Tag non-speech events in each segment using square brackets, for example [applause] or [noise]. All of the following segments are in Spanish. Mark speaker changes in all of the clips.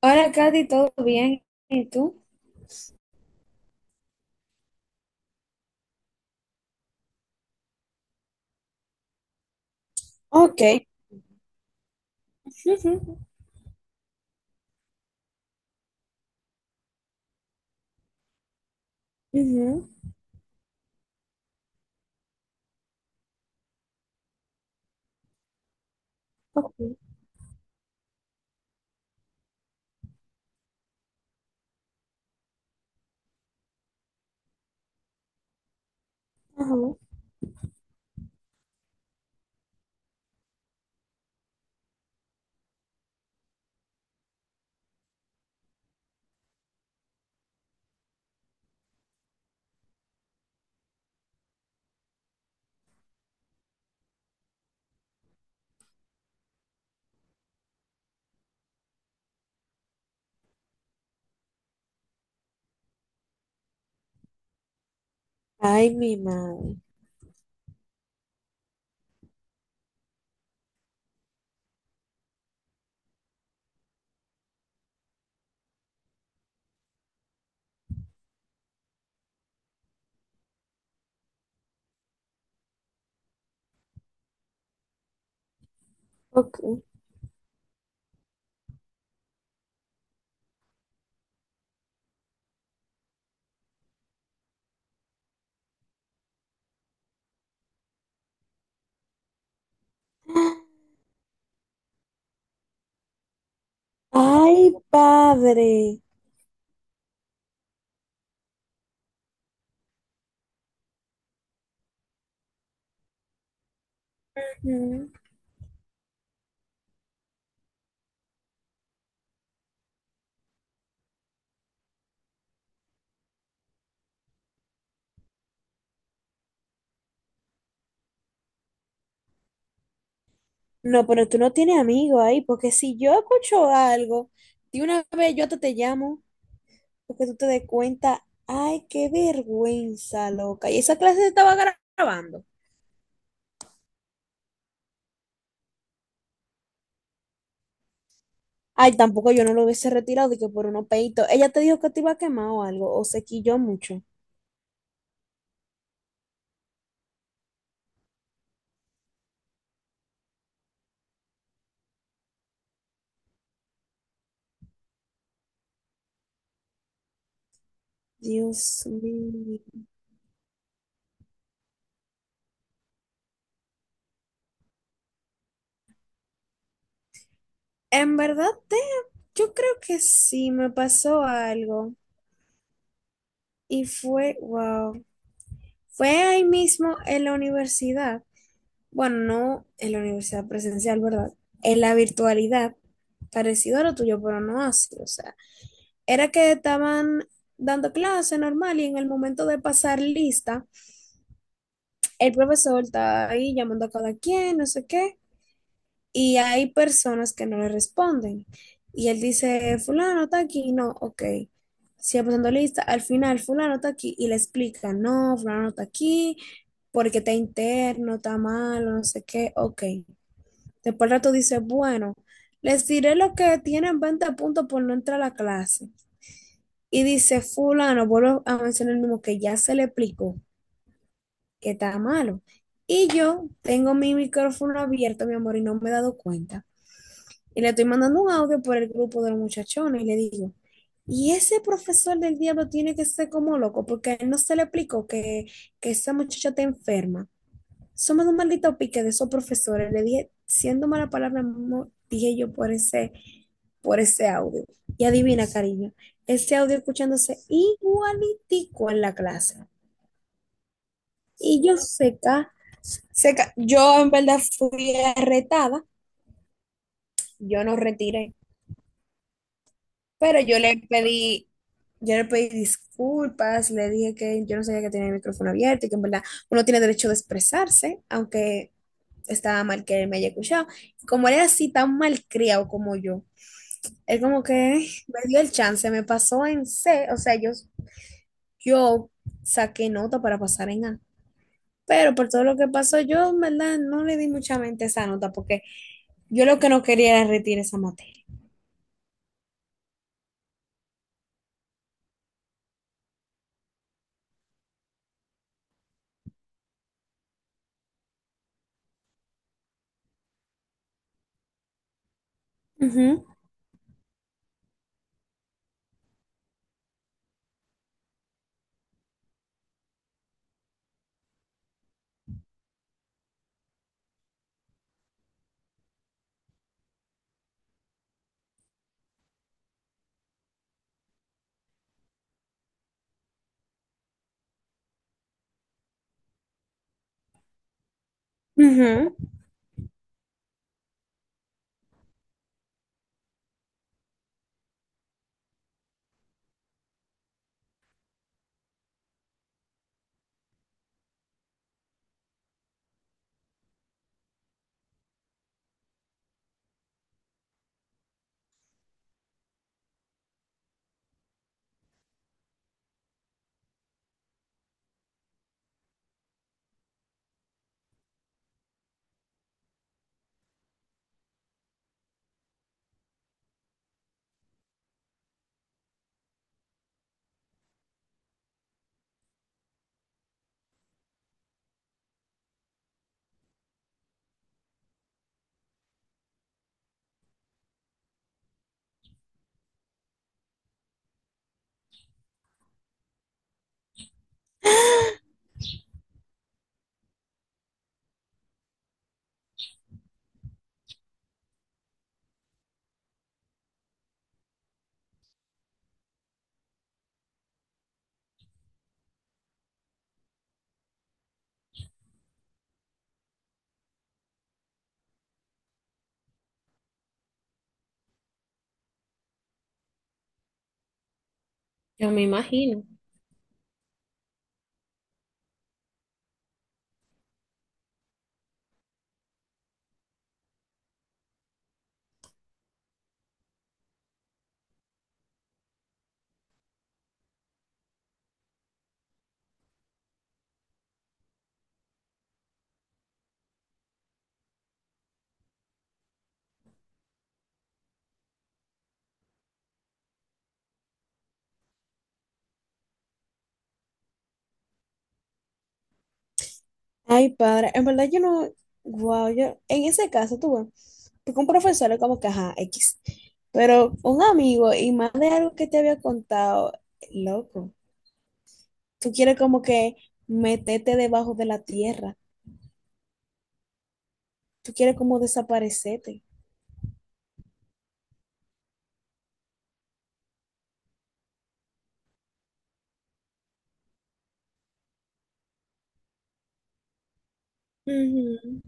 Speaker 1: Hola, Katy, ¿todo bien? ¿Y tú? Ok. Ujú, ujú, ok, ajá. Ay, mi madre. Ok. Ay, padre. Ujú. No, pero tú no tienes amigos ahí, porque si yo escucho algo, de una vez yo te llamo, porque tú te des cuenta. Ay, qué vergüenza, loca. Y esa clase se estaba grabando. Ay, tampoco yo no lo hubiese retirado, de que por unos peitos. Ella te dijo que te iba a quemar o algo, o se quilló mucho. Dios mío. En verdad, yo creo que sí me pasó algo y fue, wow, fue ahí mismo en la universidad. Bueno, no en la universidad presencial, ¿verdad? En la virtualidad, parecido a lo tuyo, pero no así. O sea, era que estaban dando clase normal y en el momento de pasar lista, el profesor está ahí llamando a cada quien, no sé qué. Y hay personas que no le responden. Y él dice, fulano está aquí, no, ok. Sigue pasando lista, al final fulano está aquí y le explica, no, fulano no está aquí porque está interno, está malo, no sé qué, ok. Después al rato dice, bueno, les diré lo que tienen 20 puntos por no entrar a la clase. Y dice, fulano, vuelvo a mencionar el mismo que ya se le explicó que está malo. Y yo tengo mi micrófono abierto, mi amor, y no me he dado cuenta. Y le estoy mandando un audio por el grupo de los muchachones y le digo, y ese profesor del diablo tiene que ser como loco, porque a él no se le explicó que esa muchacha está enferma. Somos un maldito pique de esos profesores. Le dije, siendo mala palabra, dije yo por ese audio. Y adivina, cariño, ese audio escuchándose igualitico en la clase. Y yo seca, seca. Yo en verdad fui retada, yo no retiré. Pero yo le pedí disculpas, le dije que yo no sabía que tenía el micrófono abierto y que en verdad uno tiene derecho de expresarse, aunque estaba mal que él me haya escuchado. Como él era así tan malcriado como yo, él como que me dio el chance, me pasó en C, o sea, yo saqué nota para pasar en A. Pero por todo lo que pasó, yo en verdad no le di mucha mente a esa nota porque yo lo que no quería era retirar esa materia. Ujú, ujú. Yo me imagino. Ay, padre, en verdad yo no, wow, yo, en ese caso tú tuve, porque un profesor es como que, ajá, X, pero un amigo y más de algo que te había contado, loco, tú quieres como que meterte debajo de la tierra, tú quieres como desaparecerte. Ujú.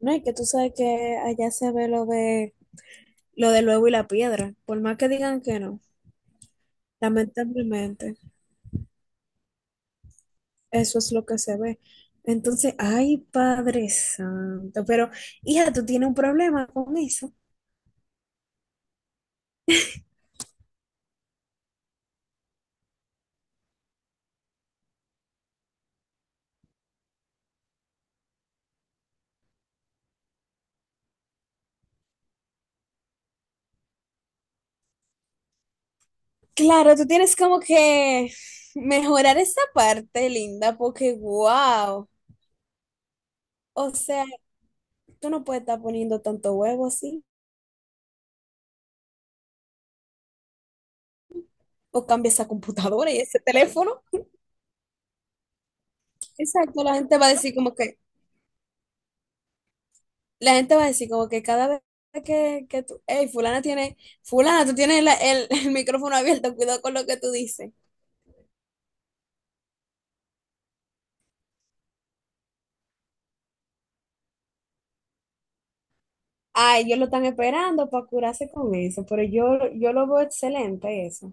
Speaker 1: ¿No? Y que tú sabes que allá se ve lo de lo del huevo y la piedra. Por más que digan que no, lamentablemente, eso es lo que se ve. Entonces, ay, Padre Santo, pero hija, tú tienes un problema con eso. Claro, tú tienes como que mejorar esa parte, linda, porque wow. O sea, tú no puedes estar poniendo tanto huevo así. O cambia esa computadora y ese teléfono. Exacto, la gente va a decir como que cada vez que tú, hey, fulana, tú tienes el [laughs] el micrófono abierto, cuidado con lo que tú dices. Ay, ellos lo están esperando para curarse con eso, yo lo veo excelente eso.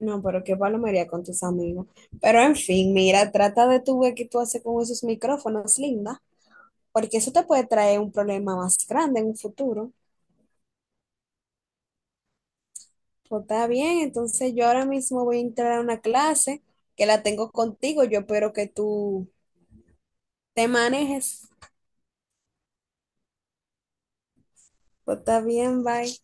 Speaker 1: No, pero qué palomería con tus amigos. Pero en fin, mira, trata de tu ver qué tú haces con esos micrófonos, linda, porque eso te puede traer un problema más grande en un futuro. Pues está bien, entonces yo ahora mismo voy a entrar a una clase que la tengo contigo, yo espero que tú te manejes. Pues está bien, bye.